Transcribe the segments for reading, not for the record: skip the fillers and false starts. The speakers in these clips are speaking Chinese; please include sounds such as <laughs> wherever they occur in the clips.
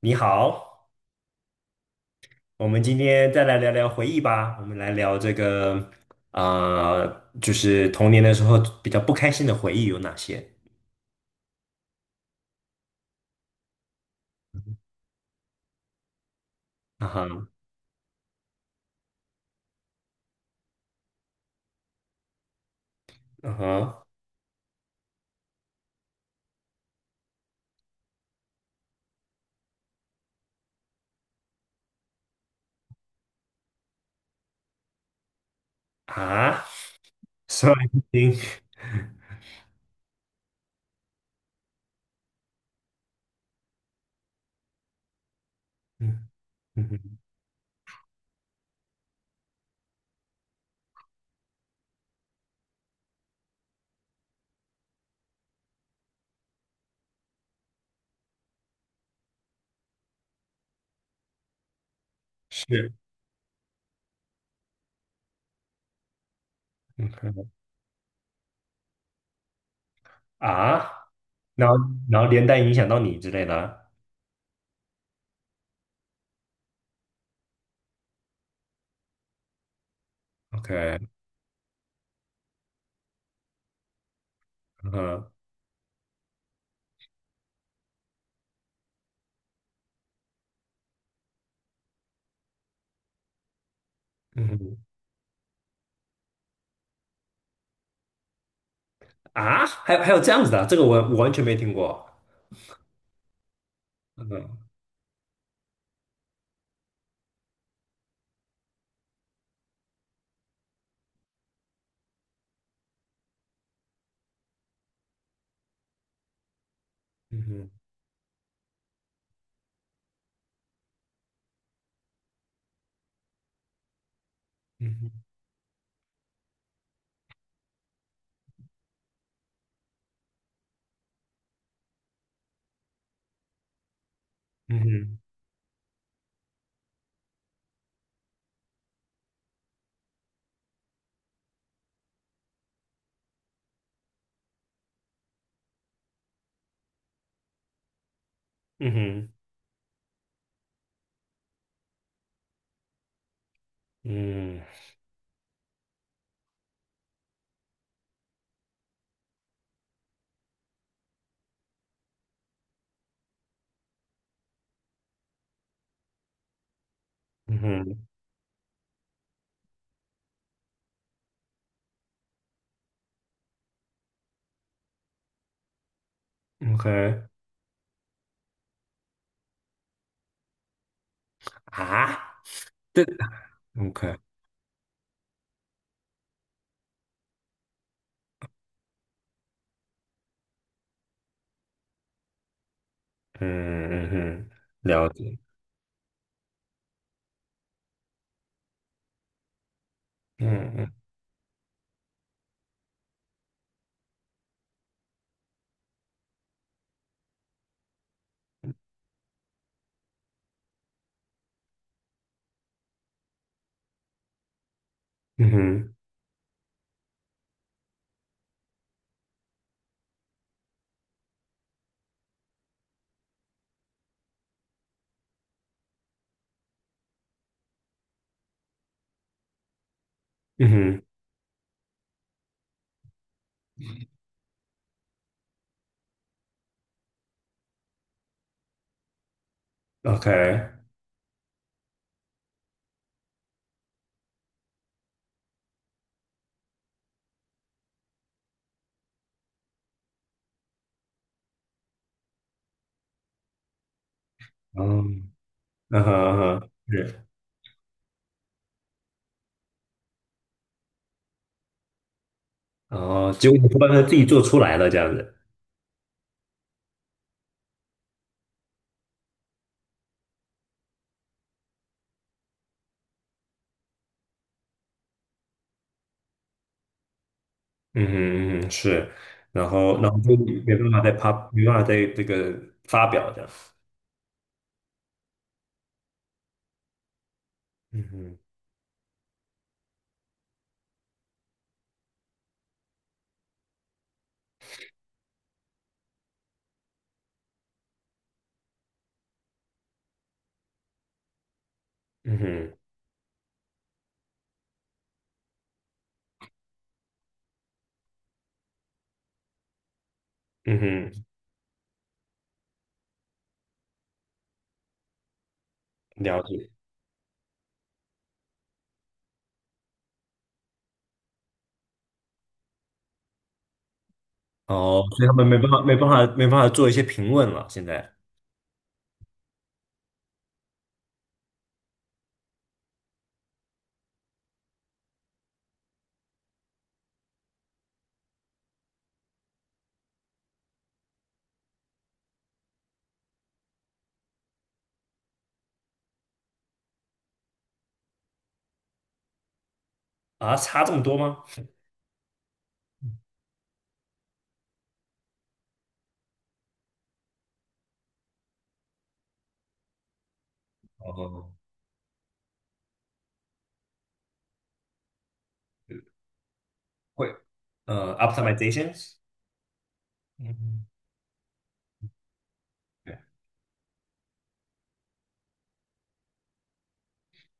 你好，我们今天再来聊聊回忆吧。我们来聊这个，啊，就是童年的时候比较不开心的回忆有哪些？啊哈，啊哈，啊，所以，嗯嗯哼，是，嗯哼，啊，然后然后连带影响到你之类的。OK，嗯哼，嗯哼，啊，还有这样子的，这个我完全没听过。嗯哼，嗯哼，嗯哼，嗯哼，嗯哼，嗯哼嗯 o k 啊对，OK，嗯嗯哼，嗯了解，嗯嗯嗯哼嗯哼，OK，嗯嗯哼嗯哼，是，然后结果你不把它自己做出来了这样子，嗯哼嗯哼是，然后就没办法再发，没办法再这个发表这样，嗯哼嗯哼嗯哼，了解，哦，所以他们没办法做一些评论了，现在啊，差这么多吗？哦，会，optimization。s 嗯，对，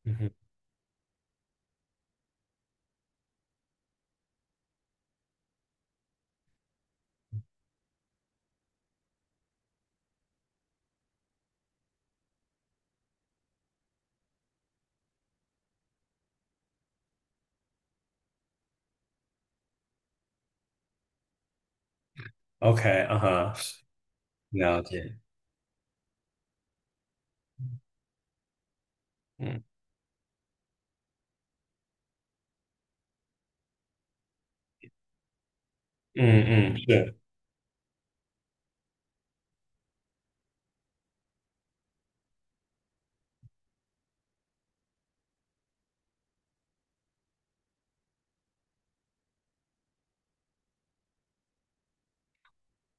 嗯哼，OK，啊哈，了解，嗯嗯嗯，是，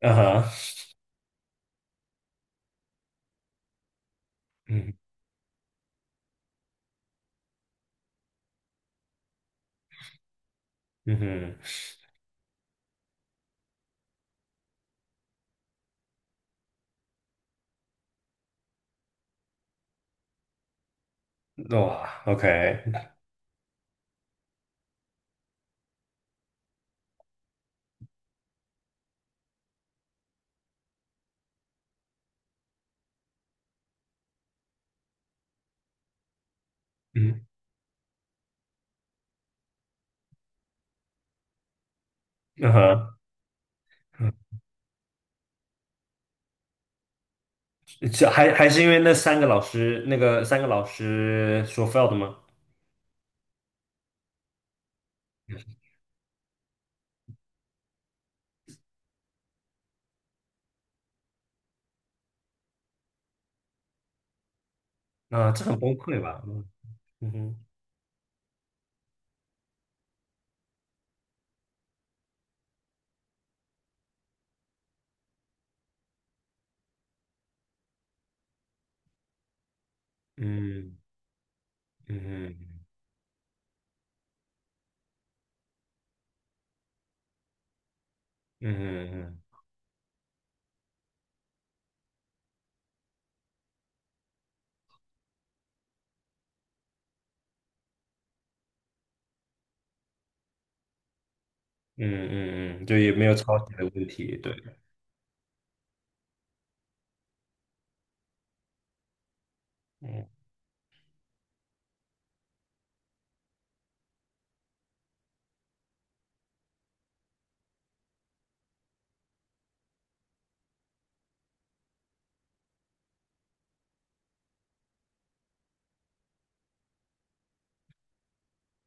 啊哈，嗯嗯哼，哇，OK，嗯嗯哼，嗯这还是因为那三个老师，那个三个老师说 fail e 的吗？啊，这很崩溃吧？嗯嗯哼，嗯嗯嗯嗯嗯嗯嗯嗯，嗯就也没有抄袭的问题，对，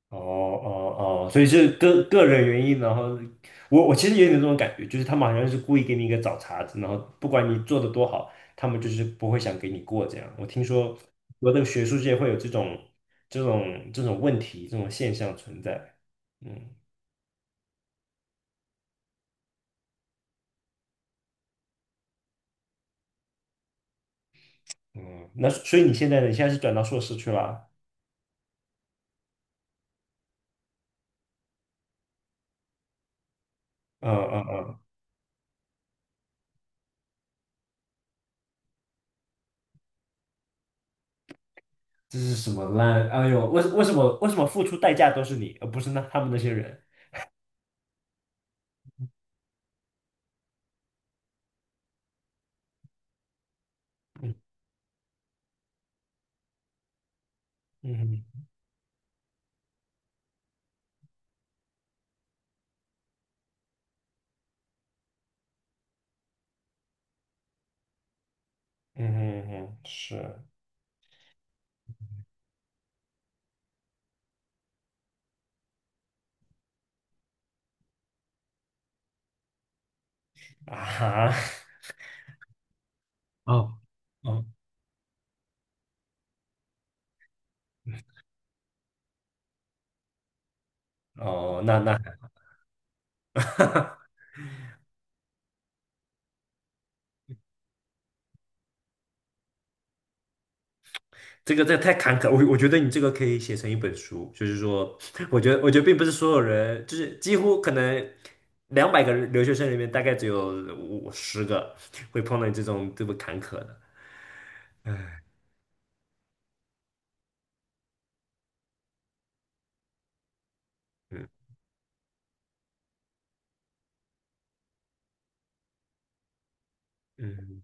哦哦哦，所以是个个人原因，然后我其实也有点这种感觉，就是他们好像是故意给你一个找茬子，然后不管你做的多好，他们就是不会想给你过这样。我听说我的学术界会有这种问题，这种现象存在。嗯嗯，那所以你现在呢？你现在是转到硕士去了？嗯嗯嗯，这是什么烂？哎呦，为什么付出代价都是你，而不是那他们那些人？嗯嗯嗯嗯嗯是啊哈。<laughs> 哦哦哦，那这太坎坷，我觉得你这个可以写成一本书，就是说，<laughs> 我觉得并不是所有人，就是几乎可能200个留学生里面，大概只有50个会碰到这种这么坎坷的。嗯嗯嗯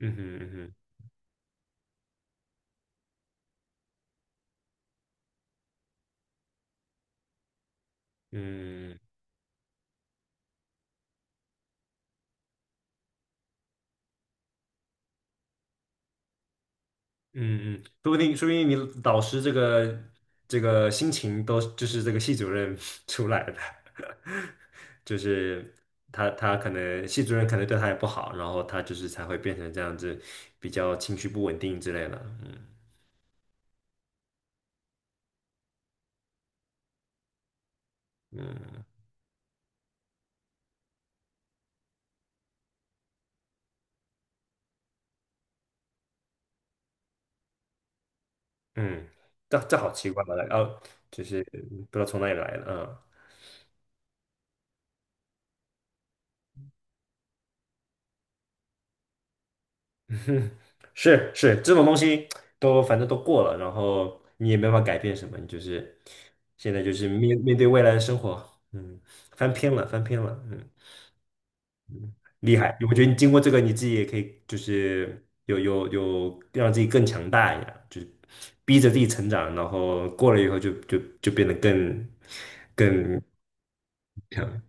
嗯嗯嗯，嗯嗯嗯，说不定你导师这个心情都就是这个系主任 <laughs> 出来的，<laughs> 就是他可能系主任可能对他也不好，然后他就是才会变成这样子，比较情绪不稳定之类的。嗯嗯嗯，这好奇怪吧？哦，就是不知道从哪里来的。嗯 <laughs> 是是，这种东西都反正都过了，然后你也没法改变什么，你就是现在就是面对未来的生活，嗯，翻篇了，翻篇了，嗯，厉害！我觉得你经过这个，你自己也可以就是有让自己更强大一点，就是逼着自己成长，然后过了以后就变得更强，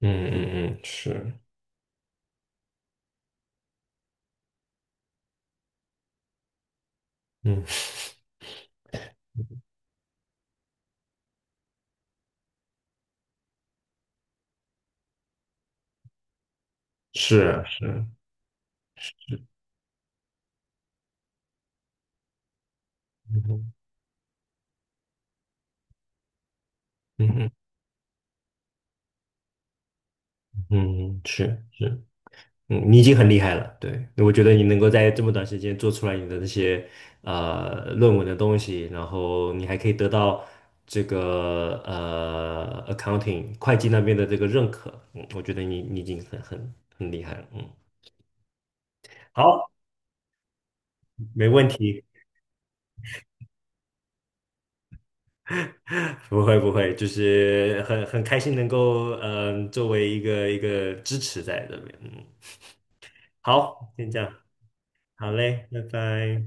嗯嗯嗯，是，嗯 <laughs> 是是是，嗯哼嗯哼嗯哼是是。嗯，你已经很厉害了，对，我觉得你能够在这么短时间做出来你的那些论文的东西，然后你还可以得到这个accounting 会计那边的这个认可，嗯，我觉得你已经很厉害了，嗯，好，没问题，<laughs> 不会不会，就是很开心能够作为一个支持在这边，嗯，好，先这样，好嘞，拜拜。